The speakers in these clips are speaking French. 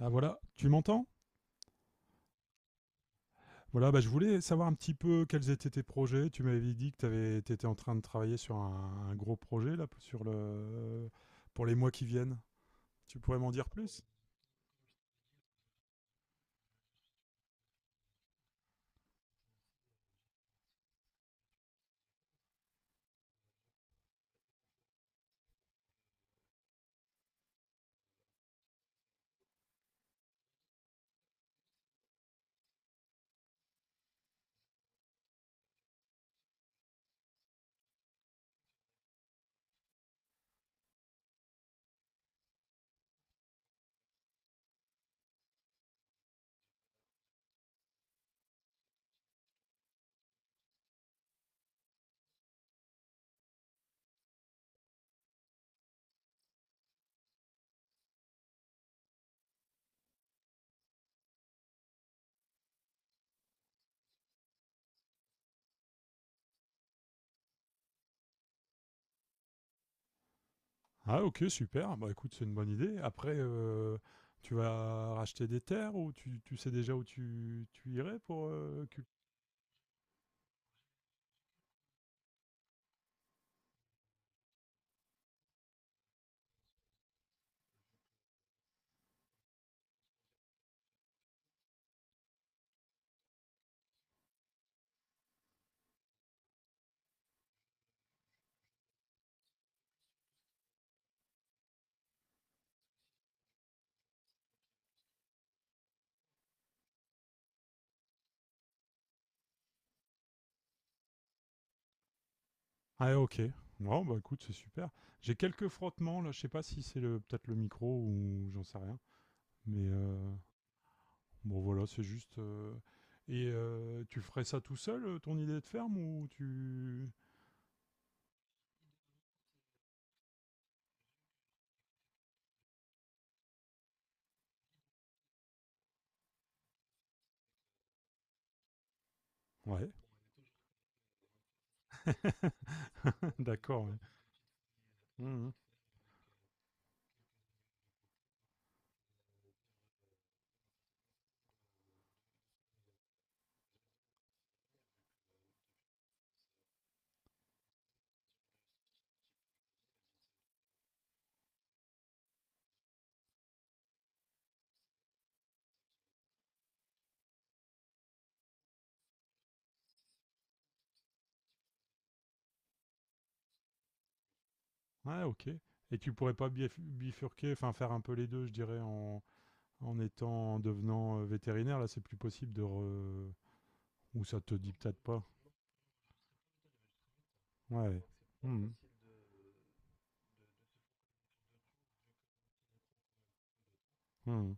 Ah voilà, tu m'entends? Voilà, bah, je voulais savoir un petit peu quels étaient tes projets. Tu m'avais dit que tu étais en train de travailler sur un gros projet là, sur le, pour les mois qui viennent. Tu pourrais m'en dire plus? Ah ok, super. Bah écoute, c'est une bonne idée. Après, tu vas racheter des terres ou tu sais déjà où tu irais pour cultiver? Ah ok. Bon bah écoute, c'est super. J'ai quelques frottements là, je sais pas si c'est le peut-être le micro ou j'en sais rien. Mais bon, voilà, c'est juste. Et tu ferais ça tout seul, ton idée de ferme, ou tu. Ouais, d'accord. Ouais. Mhm. Ouais, ok. Et tu pourrais pas bifurquer, enfin faire un peu les deux, je dirais, en, en étant, en devenant vétérinaire. Là, c'est plus possible de. Re... Ou ça te dit peut-être pas. Ouais. Mhm. Mhm.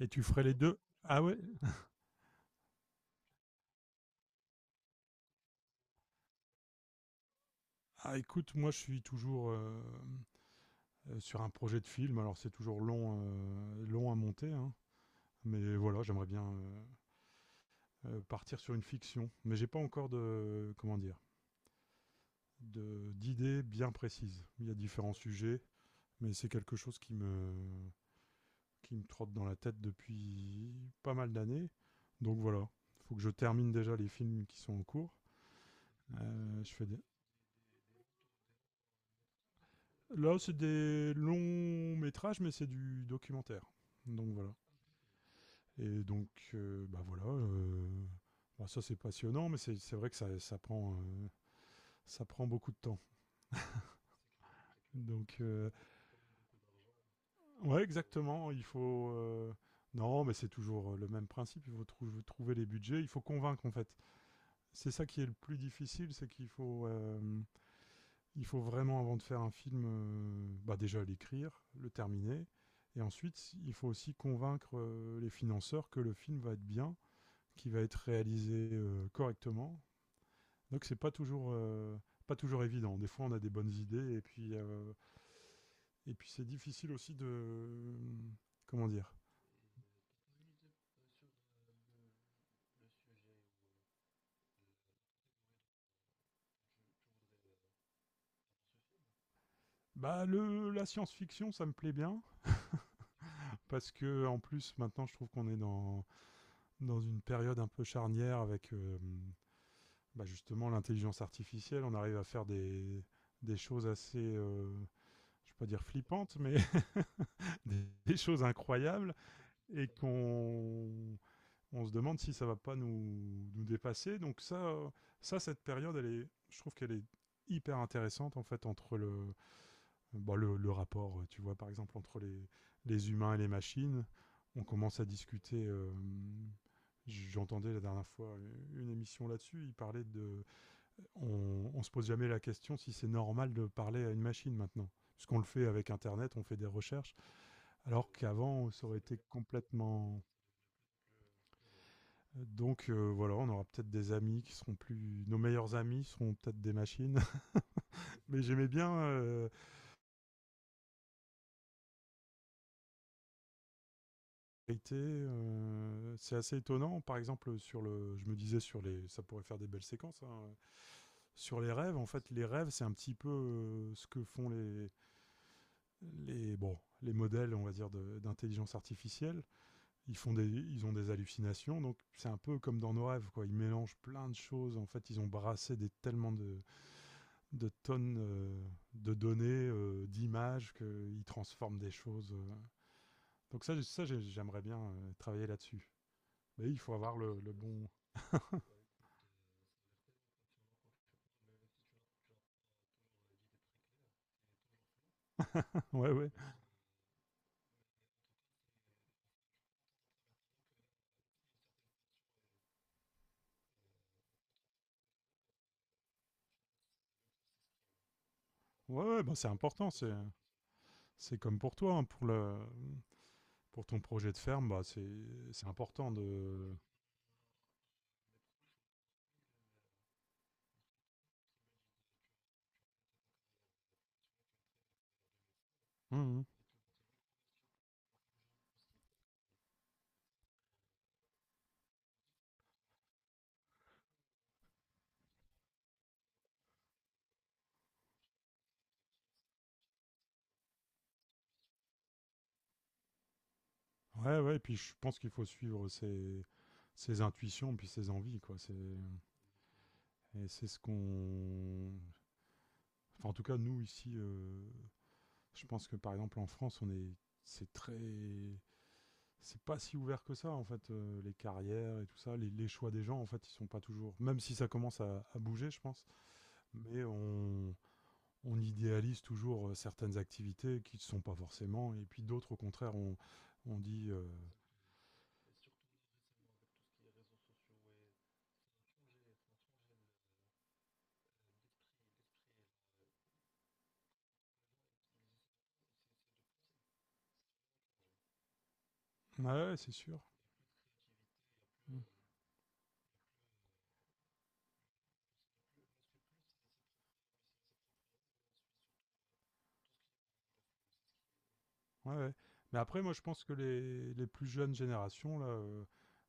Et tu ferais les deux. Ah ouais. Ah écoute, moi je suis toujours sur un projet de film. Alors c'est toujours long, long à monter, hein. Mais voilà, j'aimerais bien, partir sur une fiction. Mais j'ai pas encore de comment dire de d'idées bien précises. Il y a différents sujets, mais c'est quelque chose qui me trotte dans la tête depuis pas mal d'années. Donc voilà, faut que je termine déjà les films qui sont en cours. Je fais des... Là, c'est des longs métrages, mais c'est du documentaire. Donc voilà. Et donc, bah voilà. Bah ça, c'est passionnant, mais c'est vrai que ça prend, ça prend beaucoup de temps. Donc, ouais, exactement. Il faut. Non, mais c'est toujours le même principe. Il faut trouver les budgets. Il faut convaincre, en fait. C'est ça qui est le plus difficile, c'est qu'il faut, il faut vraiment, avant de faire un film, bah, déjà l'écrire, le terminer. Et ensuite, il faut aussi convaincre les financeurs que le film va être bien, qu'il va être réalisé correctement. Donc, c'est pas toujours. Pas toujours évident. Des fois, on a des bonnes idées et puis c'est difficile aussi de, comment dire, bah le la science-fiction, ça me plaît bien parce que en plus maintenant je trouve qu'on est dans une période un peu charnière avec, bah, justement l'intelligence artificielle. On arrive à faire des choses assez, je vais pas dire flippantes, mais des choses incroyables et qu'on on se demande si ça va pas nous dépasser. Donc ça, ça cette période elle est je trouve qu'elle est hyper intéressante en fait entre le bon, le rapport, tu vois, par exemple, entre les humains et les machines, on commence à discuter. J'entendais la dernière fois une émission là-dessus, il parlait de... on se pose jamais la question si c'est normal de parler à une machine maintenant. Puisqu'on le fait avec Internet, on fait des recherches, alors qu'avant, ça aurait été complètement... Donc voilà, on aura peut-être des amis qui seront plus... Nos meilleurs amis seront peut-être des machines. Mais j'aimais bien été, c'est assez étonnant. Par exemple, sur le je me disais sur les ça pourrait faire des belles séquences, hein, sur les rêves, en fait, les rêves, c'est un petit peu, ce que font les bon, les modèles, on va dire, de d'intelligence artificielle. Ils font des ils ont des hallucinations, donc c'est un peu comme dans nos rêves, quoi. Ils mélangent plein de choses. En fait, ils ont brassé des tellement de tonnes, de données, d'images qu'ils transforment des choses, donc ça, j'aimerais bien, travailler là-dessus. Mais il faut avoir le bon. ouais, ouais. Ouais, ouais, bah, c'est important. C'est comme pour toi, hein, pour, le, pour ton projet de ferme, bah, c'est important de. Mhm. Ouais, ouais. Et puis je pense qu'il faut suivre ses, ses intuitions, puis ses envies, quoi. C'est, et c'est ce qu'on. Enfin, en tout cas, nous ici, je pense que par exemple en France, on est. C'est très. C'est pas si ouvert que ça, en fait, les carrières et tout ça. Les choix des gens, en fait, ils sont pas toujours. Même si ça commence à bouger, je pense. Mais on idéalise toujours certaines activités qui ne sont pas forcément, et puis d'autres, au contraire, on dit ouais, ouais, c'est sûr. Mm. Ouais, ouais. Mais après, moi, je pense que les plus jeunes générations, là,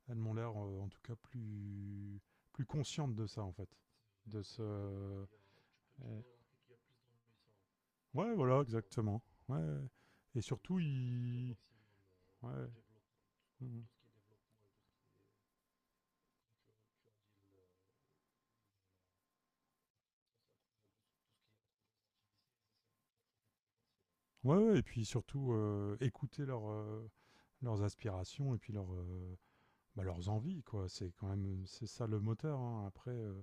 elles m'ont l'air, en tout cas, plus, plus conscientes de ça, en fait. De ce. Eh, ouais, voilà, exactement. Ouais. Ouais. Et surtout, ils. Ouais. Mhm. Ouais, ouais, et puis surtout, écouter leurs, leurs aspirations et puis leurs, bah, leurs envies, quoi. C'est quand même, c'est ça le moteur, hein. Après,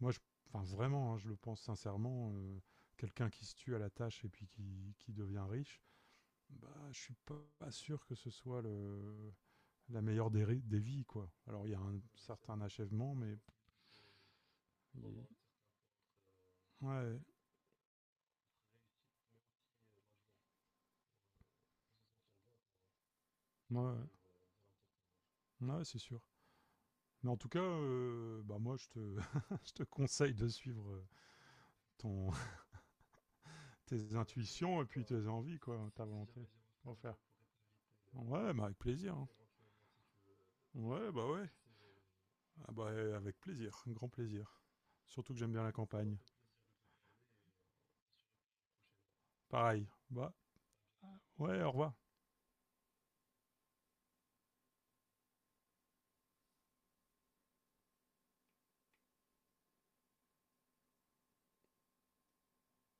moi je enfin vraiment, hein, je le pense sincèrement, quelqu'un qui se tue à la tâche et puis qui devient riche, bah, je suis pas sûr que ce soit le la meilleure des ri des vies, quoi. Alors il y a un certain achèvement, mais ouais, ouais, ouais. Ouais, c'est sûr. Mais en tout cas, bah, moi je te je te conseille de suivre, ton tes intuitions et puis tes envies, quoi, ta volonté. Pour faire. Ouais, bah avec plaisir. Hein. Ouais, bah ouais. Ah bah avec plaisir, grand plaisir. Surtout que j'aime bien la campagne. Pareil. Bah ouais, au revoir.